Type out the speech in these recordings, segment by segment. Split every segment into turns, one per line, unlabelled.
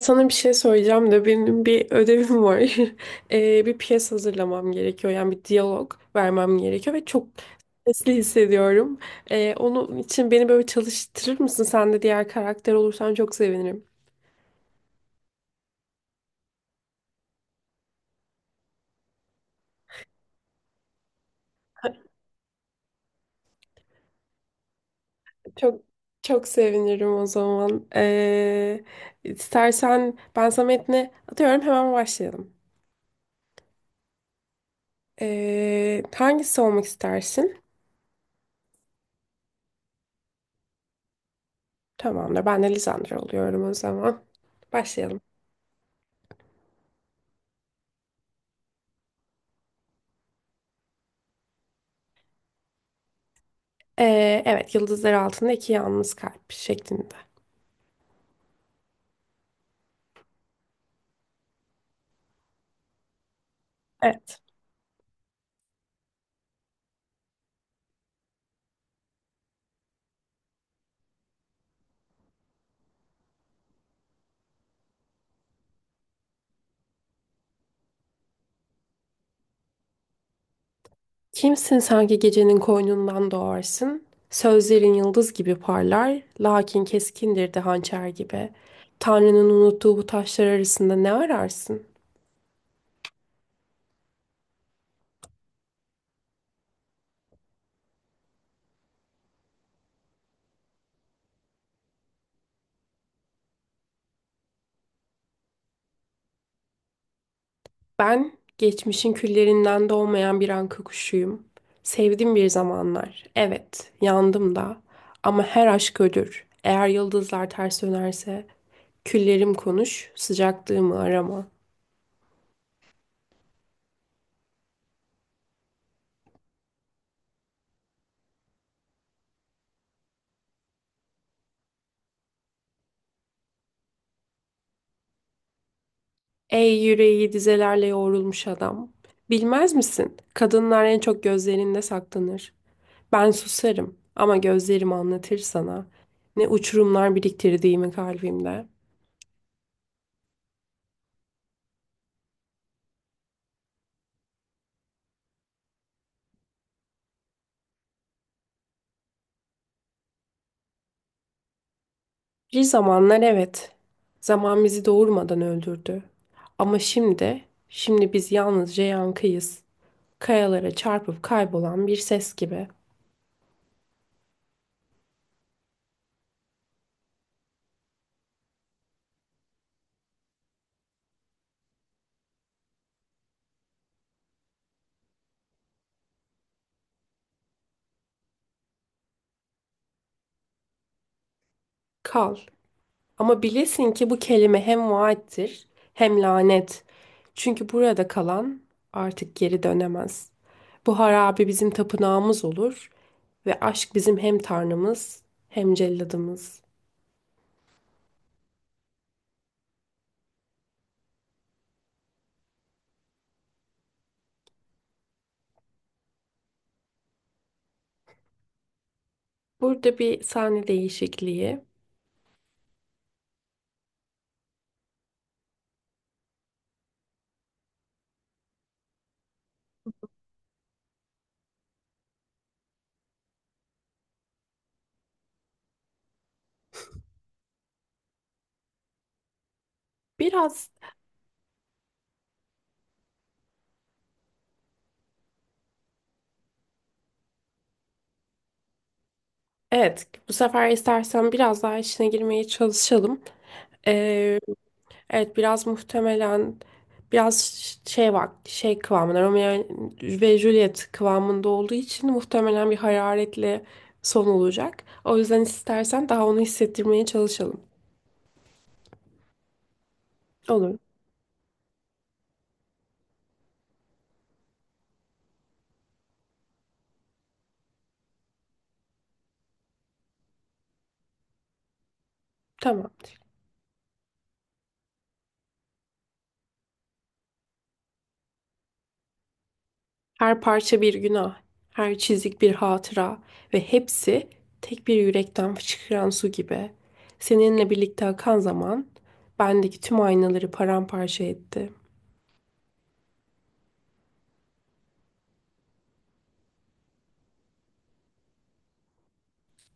Sana bir şey söyleyeceğim de benim bir ödevim var. Bir piyes hazırlamam gerekiyor. Yani bir diyalog vermem gerekiyor ve çok stresli hissediyorum. Onun için beni böyle çalıştırır mısın? Sen de diğer karakter olursan çok sevinirim. Çok çok sevinirim o zaman. İstersen ben sana metni atıyorum hemen başlayalım. Hangisi olmak istersin? Tamamdır. Ben de Lisandro oluyorum o zaman. Başlayalım. Evet, yıldızlar altında iki yalnız kalp şeklinde. Evet. Kimsin sanki gecenin koynundan doğarsın? Sözlerin yıldız gibi parlar, lakin keskindir de hançer gibi. Tanrı'nın unuttuğu bu taşlar arasında ne ararsın? Ben geçmişin küllerinden doğmayan bir anka kuşuyum. Sevdim bir zamanlar. Evet, yandım da. Ama her aşk ölür. Eğer yıldızlar ters dönerse, küllerim konuş, sıcaklığımı arama. Ey yüreği dizelerle yoğrulmuş adam. Bilmez misin? Kadınlar en çok gözlerinde saklanır. Ben susarım ama gözlerim anlatır sana. Ne uçurumlar biriktirdiğimi kalbimde. Bir zamanlar evet. Zaman bizi doğurmadan öldürdü. Ama şimdi, şimdi biz yalnızca yankıyız. Kayalara çarpıp kaybolan bir ses gibi. Kal. Ama bilesin ki bu kelime hem vaattir hem lanet. Çünkü burada kalan artık geri dönemez. Bu harabe bizim tapınağımız olur ve aşk bizim hem tanrımız hem celladımız. Burada bir sahne değişikliği. Biraz evet, bu sefer istersen biraz daha içine girmeye çalışalım. Ee, Evet, biraz muhtemelen biraz şey var, şey kıvamında, Romeo ve Juliet kıvamında olduğu için muhtemelen bir hararetli son olacak. O yüzden istersen daha onu hissettirmeye çalışalım. Olur. Tamamdır. Her parça bir günah, her çizik bir hatıra ve hepsi tek bir yürekten fışkıran su gibi. Seninle birlikte akan zaman bendeki tüm aynaları paramparça etti.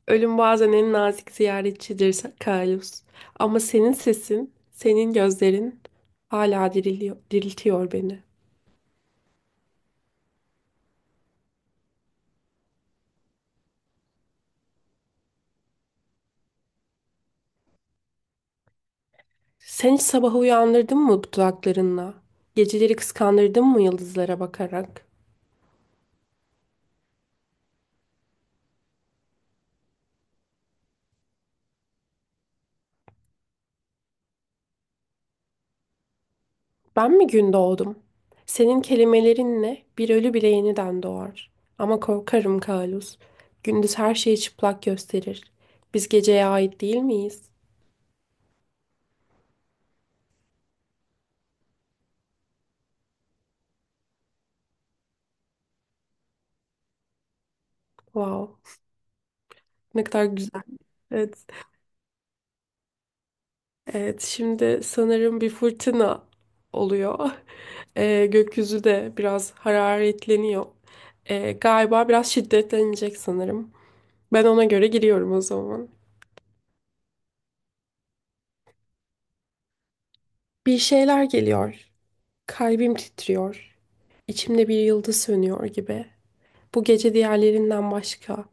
Ölüm bazen en nazik ziyaretçidir Carlos. Ama senin sesin, senin gözlerin hala diriliyor, diriltiyor beni. Sen hiç sabahı uyandırdın mı dudaklarınla? Geceleri kıskandırdın mı yıldızlara bakarak? Ben mi gün doğdum? Senin kelimelerinle bir ölü bile yeniden doğar. Ama korkarım Kalus, gündüz her şeyi çıplak gösterir. Biz geceye ait değil miyiz? Wow, ne kadar güzel. Evet. Evet, şimdi sanırım bir fırtına oluyor. Gökyüzü de biraz hararetleniyor. Galiba biraz şiddetlenecek sanırım. Ben ona göre giriyorum o zaman. Bir şeyler geliyor. Kalbim titriyor. İçimde bir yıldız sönüyor gibi. Bu gece diğerlerinden başka.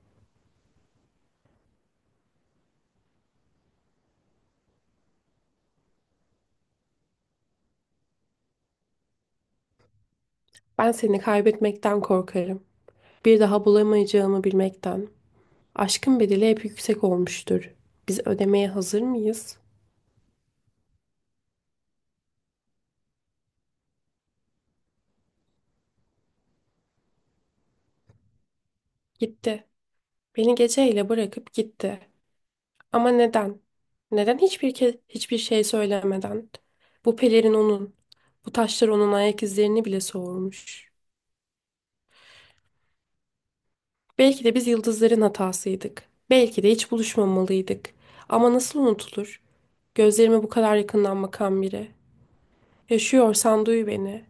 Ben seni kaybetmekten korkarım. Bir daha bulamayacağımı bilmekten. Aşkın bedeli hep yüksek olmuştur. Biz ödemeye hazır mıyız? Gitti. Beni geceyle bırakıp gitti. Ama neden? Neden hiçbir şey söylemeden? Bu pelerin onun. Bu taşlar onun ayak izlerini bile soğurmuş. Belki de biz yıldızların hatasıydık. Belki de hiç buluşmamalıydık. Ama nasıl unutulur? Gözlerime bu kadar yakından bakan biri. Yaşıyorsan duy beni.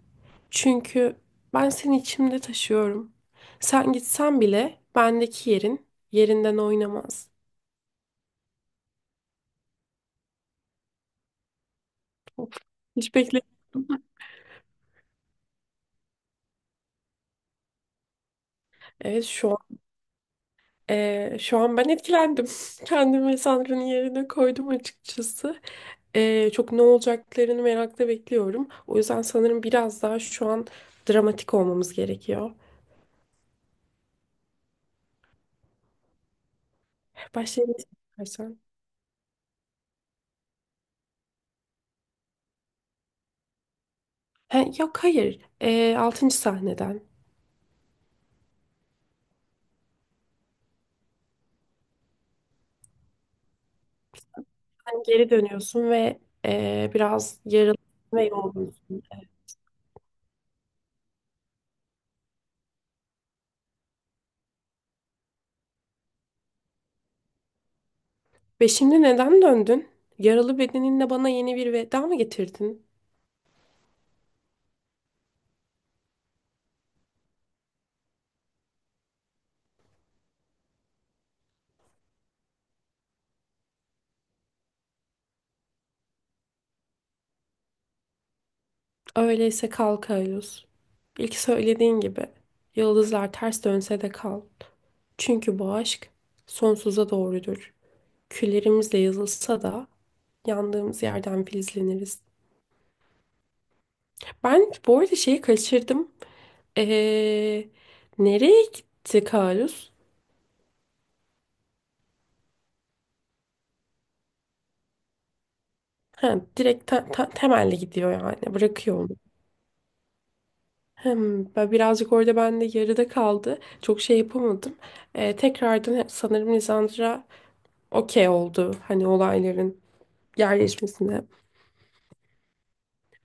Çünkü ben seni içimde taşıyorum. Sen gitsen bile bendeki yerin yerinden oynamaz. Of, hiç bekle. Evet şu Şu an ben etkilendim. Kendimi Sandra'nın yerine koydum açıkçası. Çok ne olacaklarını merakla bekliyorum. O yüzden sanırım biraz daha şu an dramatik olmamız gerekiyor. Başlayalım istersen. Ha, yok, hayır. 6'ncı sahneden. Hani geri dönüyorsun ve biraz yaralı ve yorgunsun. Ve şimdi neden döndün? Yaralı bedeninle bana yeni bir veda mı getirdin? Öyleyse kal Kaylus. İlk söylediğin gibi yıldızlar ters dönse de kal. Çünkü bu aşk sonsuza doğrudur. Küllerimizle yazılsa da yandığımız yerden filizleniriz. Ben bu arada şeyi kaçırdım. Ee, Nereye gitti Kalus? Ha, direkt temelli gidiyor yani. Bırakıyor onu. Hem ben birazcık orada ben de yarıda kaldı. Çok şey yapamadım. Tekrardan sanırım Lisandra okey oldu. Hani olayların yerleşmesine.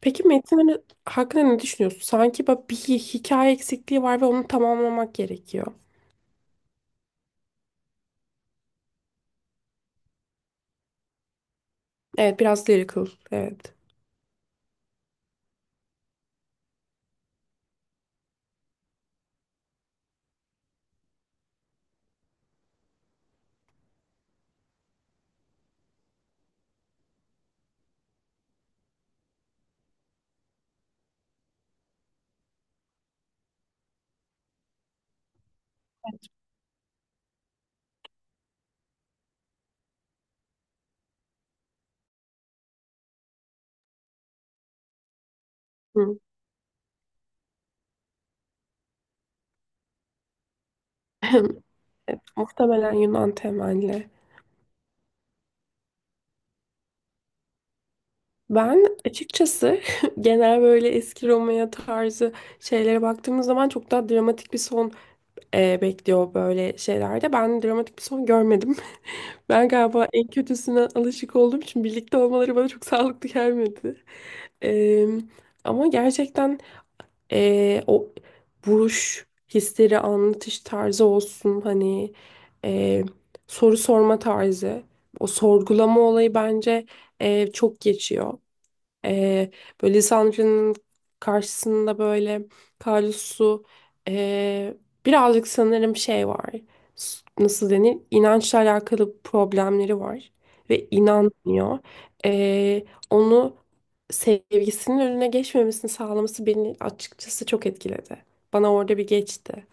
Peki Metin hani hakkında ne düşünüyorsun? Sanki bak bir hikaye eksikliği var ve onu tamamlamak gerekiyor. Evet, biraz lyrical. Evet. Hı. Evet, muhtemelen Yunan temelli. Ben açıkçası genel böyle eski Roma'ya tarzı şeylere baktığımız zaman çok daha dramatik bir son bekliyor böyle şeylerde. Ben dramatik bir son görmedim. Ben galiba en kötüsüne alışık olduğum için birlikte olmaları bana çok sağlıklı gelmedi. Em, ama gerçekten o vuruş hisleri anlatış tarzı olsun, hani e, soru sorma tarzı, o sorgulama olayı bence çok geçiyor. Ee, Böyle Sandria'nın karşısında böyle Kalus'u ee, birazcık sanırım şey var. Nasıl denir? İnançla alakalı problemleri var. Ve inanmıyor. Onu sevgisinin önüne geçmemesini sağlaması beni açıkçası çok etkiledi. Bana orada bir geçti.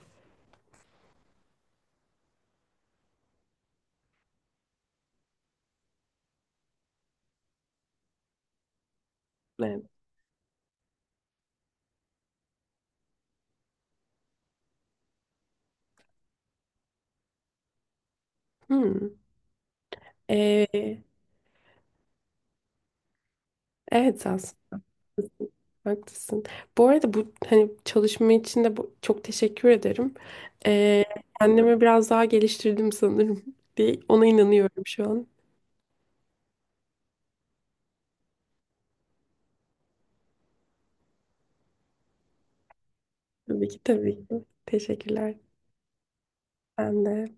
Evet. Hmm. Ee, evet, aslında. Haklısın. Bu arada bu, hani çalışma için de bu, çok teşekkür ederim. Ee, Kendimi biraz daha geliştirdim sanırım diye ona inanıyorum şu an. Tabii ki, tabii ki. Teşekkürler. Ben de.